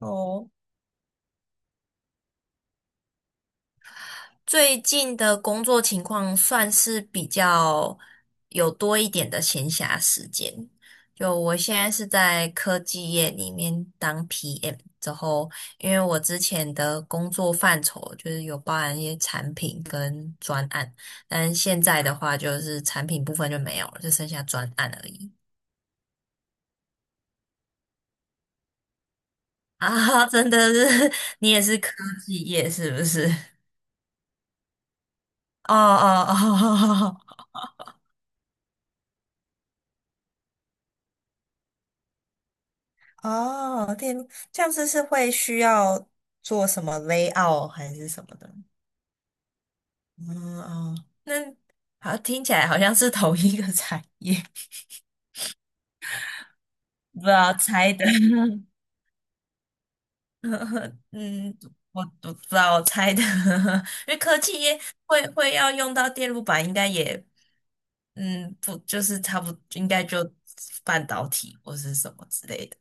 哦，最近的工作情况算是比较有多一点的闲暇时间。就我现在是在科技业里面当 PM，之后因为我之前的工作范畴就是有包含一些产品跟专案，但现在的话就是产品部分就没有了，就剩下专案而已。啊，真的是，你也是科技业是不是？哦哦哦。哦，电路这样子是会需要做什么 layout 还是什么的？嗯哦，那好像听起来好像是同一个产业，不知道猜的。嗯，我不知道我猜的，因为科技业会要用到电路板，应该也不就是差不应该就半导体或是什么之类的。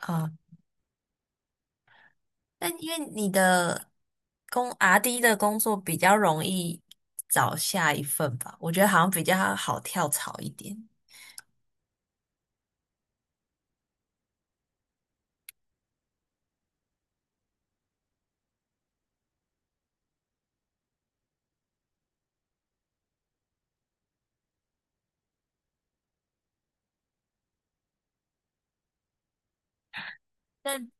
啊。但因为你的阿 d 的工作比较容易找下一份吧，我觉得好像比较好跳槽一点。但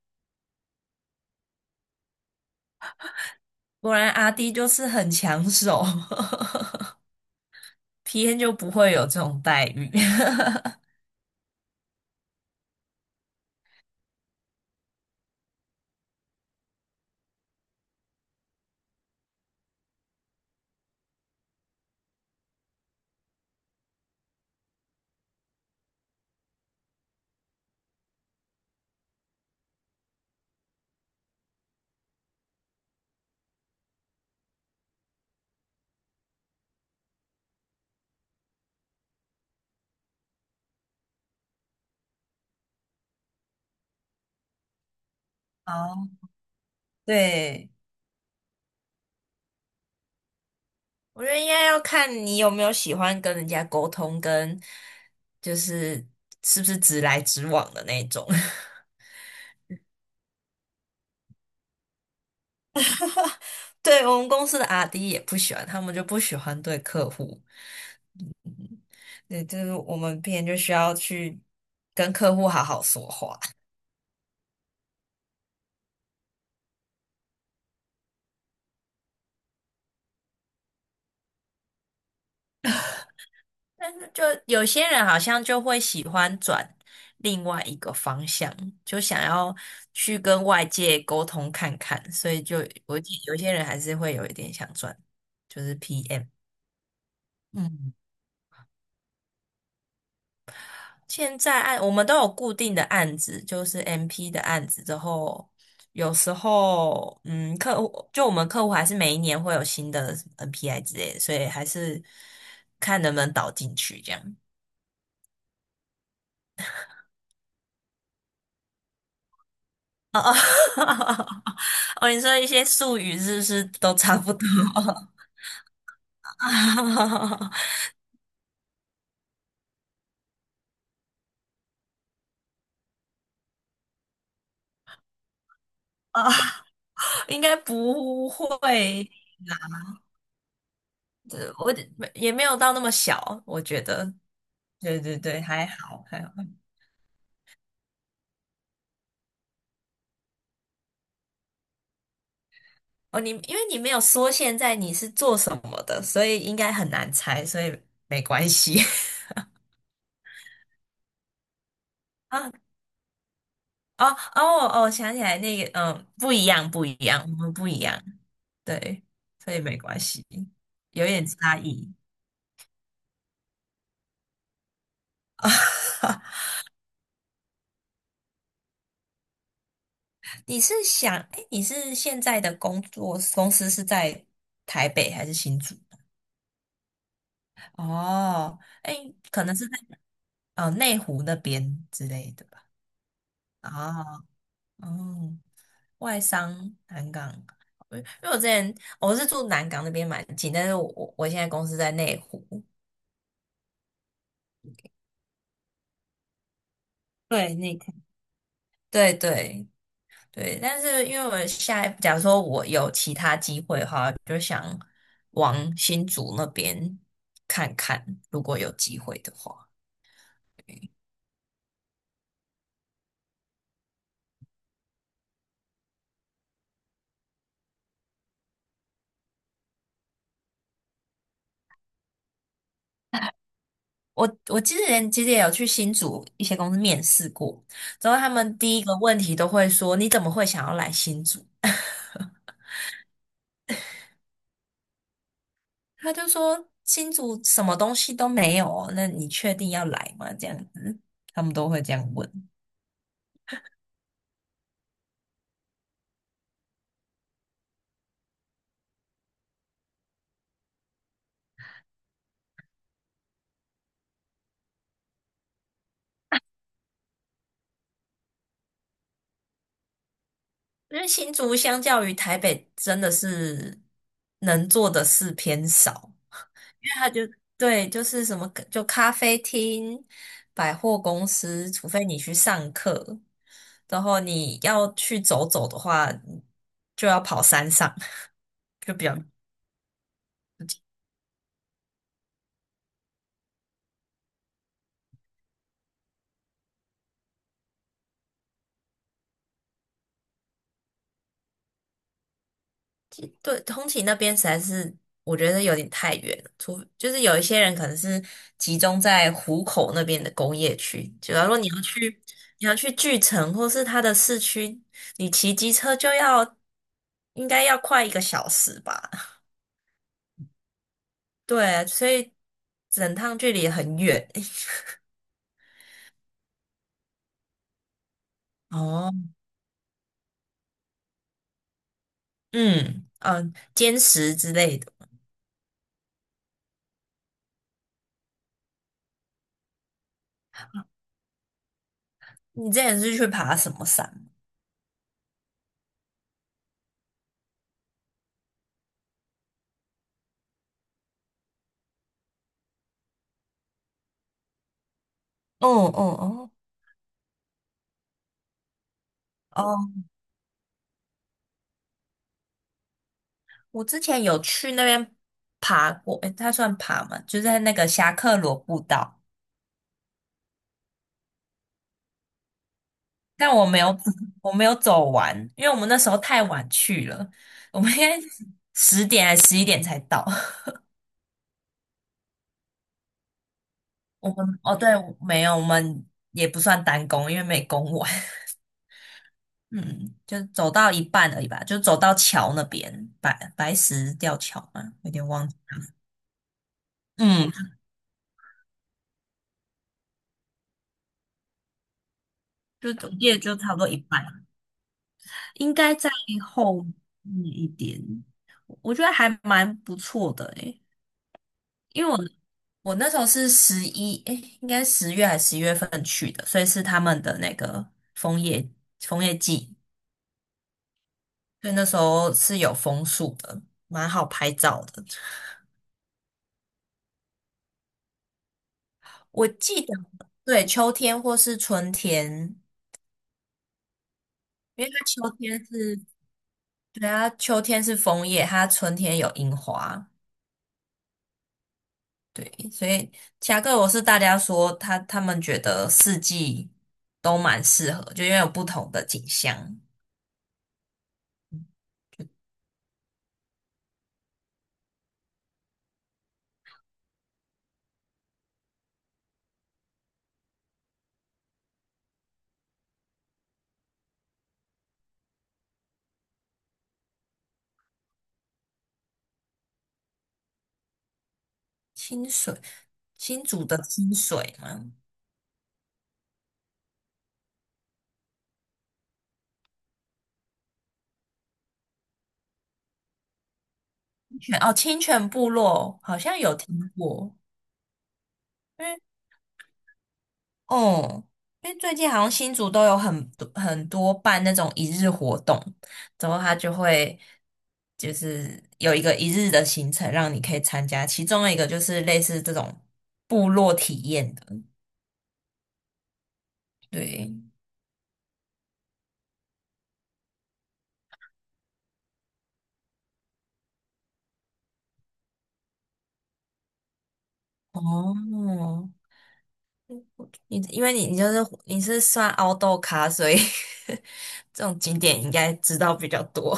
果然阿 D 就是很抢手 p N 就不会有这种待遇。哦，对，我觉得应该要看你有没有喜欢跟人家沟通，跟就是是不是直来直往的那种。对，我们公司的阿 d 也不喜欢，他们就不喜欢对客户。对，就是我们别人就需要去跟客户好好说话。但是就有些人好像就会喜欢转另外一个方向，就想要去跟外界沟通看看，所以我有些人还是会有一点想转，就是 PM。嗯现在我们都有固定的案子，就是 MP 的案子之后，有时候客户就我们客户还是每一年会有新的 NPI 之类的，所以还是看能不能导进去这样。哦哦 哦，你说一些术语是不是都差不多？啊，应该不会，我也没有到那么小，我觉得。对对对，还好还好。哦，因为你没有说现在你是做什么的，所以应该很难猜，所以没关系。啊，哦哦哦，想起来那个，不一样，不一样，我们不一样，对，所以没关系，有点差异。你是想，哎，你是现在的工作公司是在台北还是新竹？哦，哎，可能是在内湖那边之类的吧。哦。哦，外商南港，因为我之前是住南港那边蛮近，但是我现在公司在内湖，对，那个，对对对，但是因为我下一，假如说我有其他机会的话，就想往新竹那边看看，如果有机会的话。我之前其实也有去新竹一些公司面试过，之后他们第一个问题都会说：“你怎么会想要来新竹？” 他就说新竹什么东西都没有哦，那你确定要来吗？这样子，他们都会这样问。因为新竹相较于台北，真的是能做的事偏少，因为他就对，就是什么就咖啡厅、百货公司，除非你去上课，然后你要去走走的话，就要跑山上，就比较对，通勤那边实在是我觉得有点太远了，就是有一些人可能是集中在湖口那边的工业区，假如说你要去巨城或是它的市区，你骑机车应该要快一个小时吧？对，所以整趟距离很远。哦，嗯嗯，坚持之类的。你之前是去爬什么山？哦哦哦我之前有去那边爬过，诶，它算爬吗？就是在那个侠客罗步道，但我没有，我没有走完，因为我们那时候太晚去了，我们应该10点还11点才到。我们哦，对，没有，我们也不算单攻，因为没攻完，嗯，就走到一半而已吧，就走到桥那边，白石吊桥嘛，有点忘记嗯，就总计也就差不多一半，应该在后面一点。我觉得还蛮不错的诶，因为我那时候是十一，诶，应该10月还是11月份去的，所以是他们的那个枫叶季，所以那时候是有枫树的，蛮好拍照的。我记得，对，秋天或是春天，因为它秋天是，对啊，它秋天是枫叶，它春天有樱花，对，所以其他各国是大家说他们觉得四季都蛮适合，就因为有不同的景象。清水，新竹的清水吗？清泉哦，清泉部落好像有听过，因为哦，因为最近好像新竹都有很多很多办那种一日活动，然后他就会就是有一个一日的行程让你可以参加，其中的一个就是类似这种部落体验的，对，哦。因为你是算凹豆咖，所以 这种景点应该知道比较多。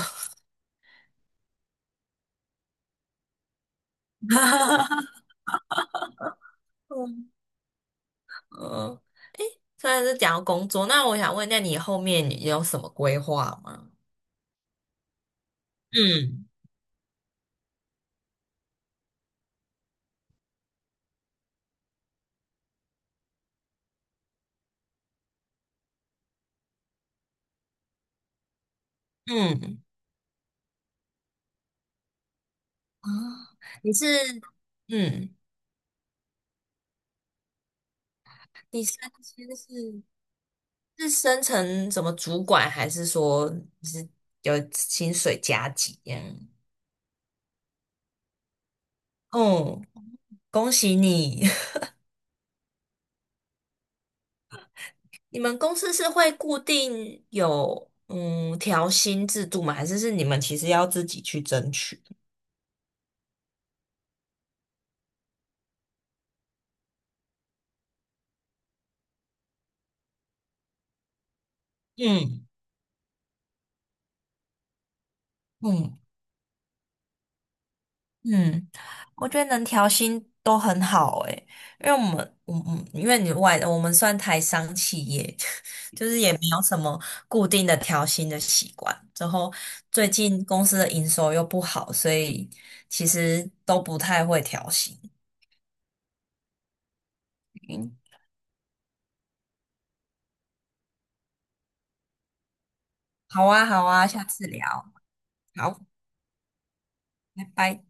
嗯，嗯，虽然是讲到工作，那我想问，一下，你后面有什么规划吗？嗯嗯，啊，你是嗯，你升迁是升成什么主管，还是说你是有薪水加级这样？哦，恭喜你！你们公司是会固定有调薪制度吗？还是你们其实要自己去争取？嗯嗯嗯，我觉得能调薪都很好诶，因为我们嗯嗯，因为我们算台商企业，就是也没有什么固定的调薪的习惯。之后最近公司的营收又不好，所以其实都不太会调薪。嗯，好啊，好啊，下次聊，好，拜拜。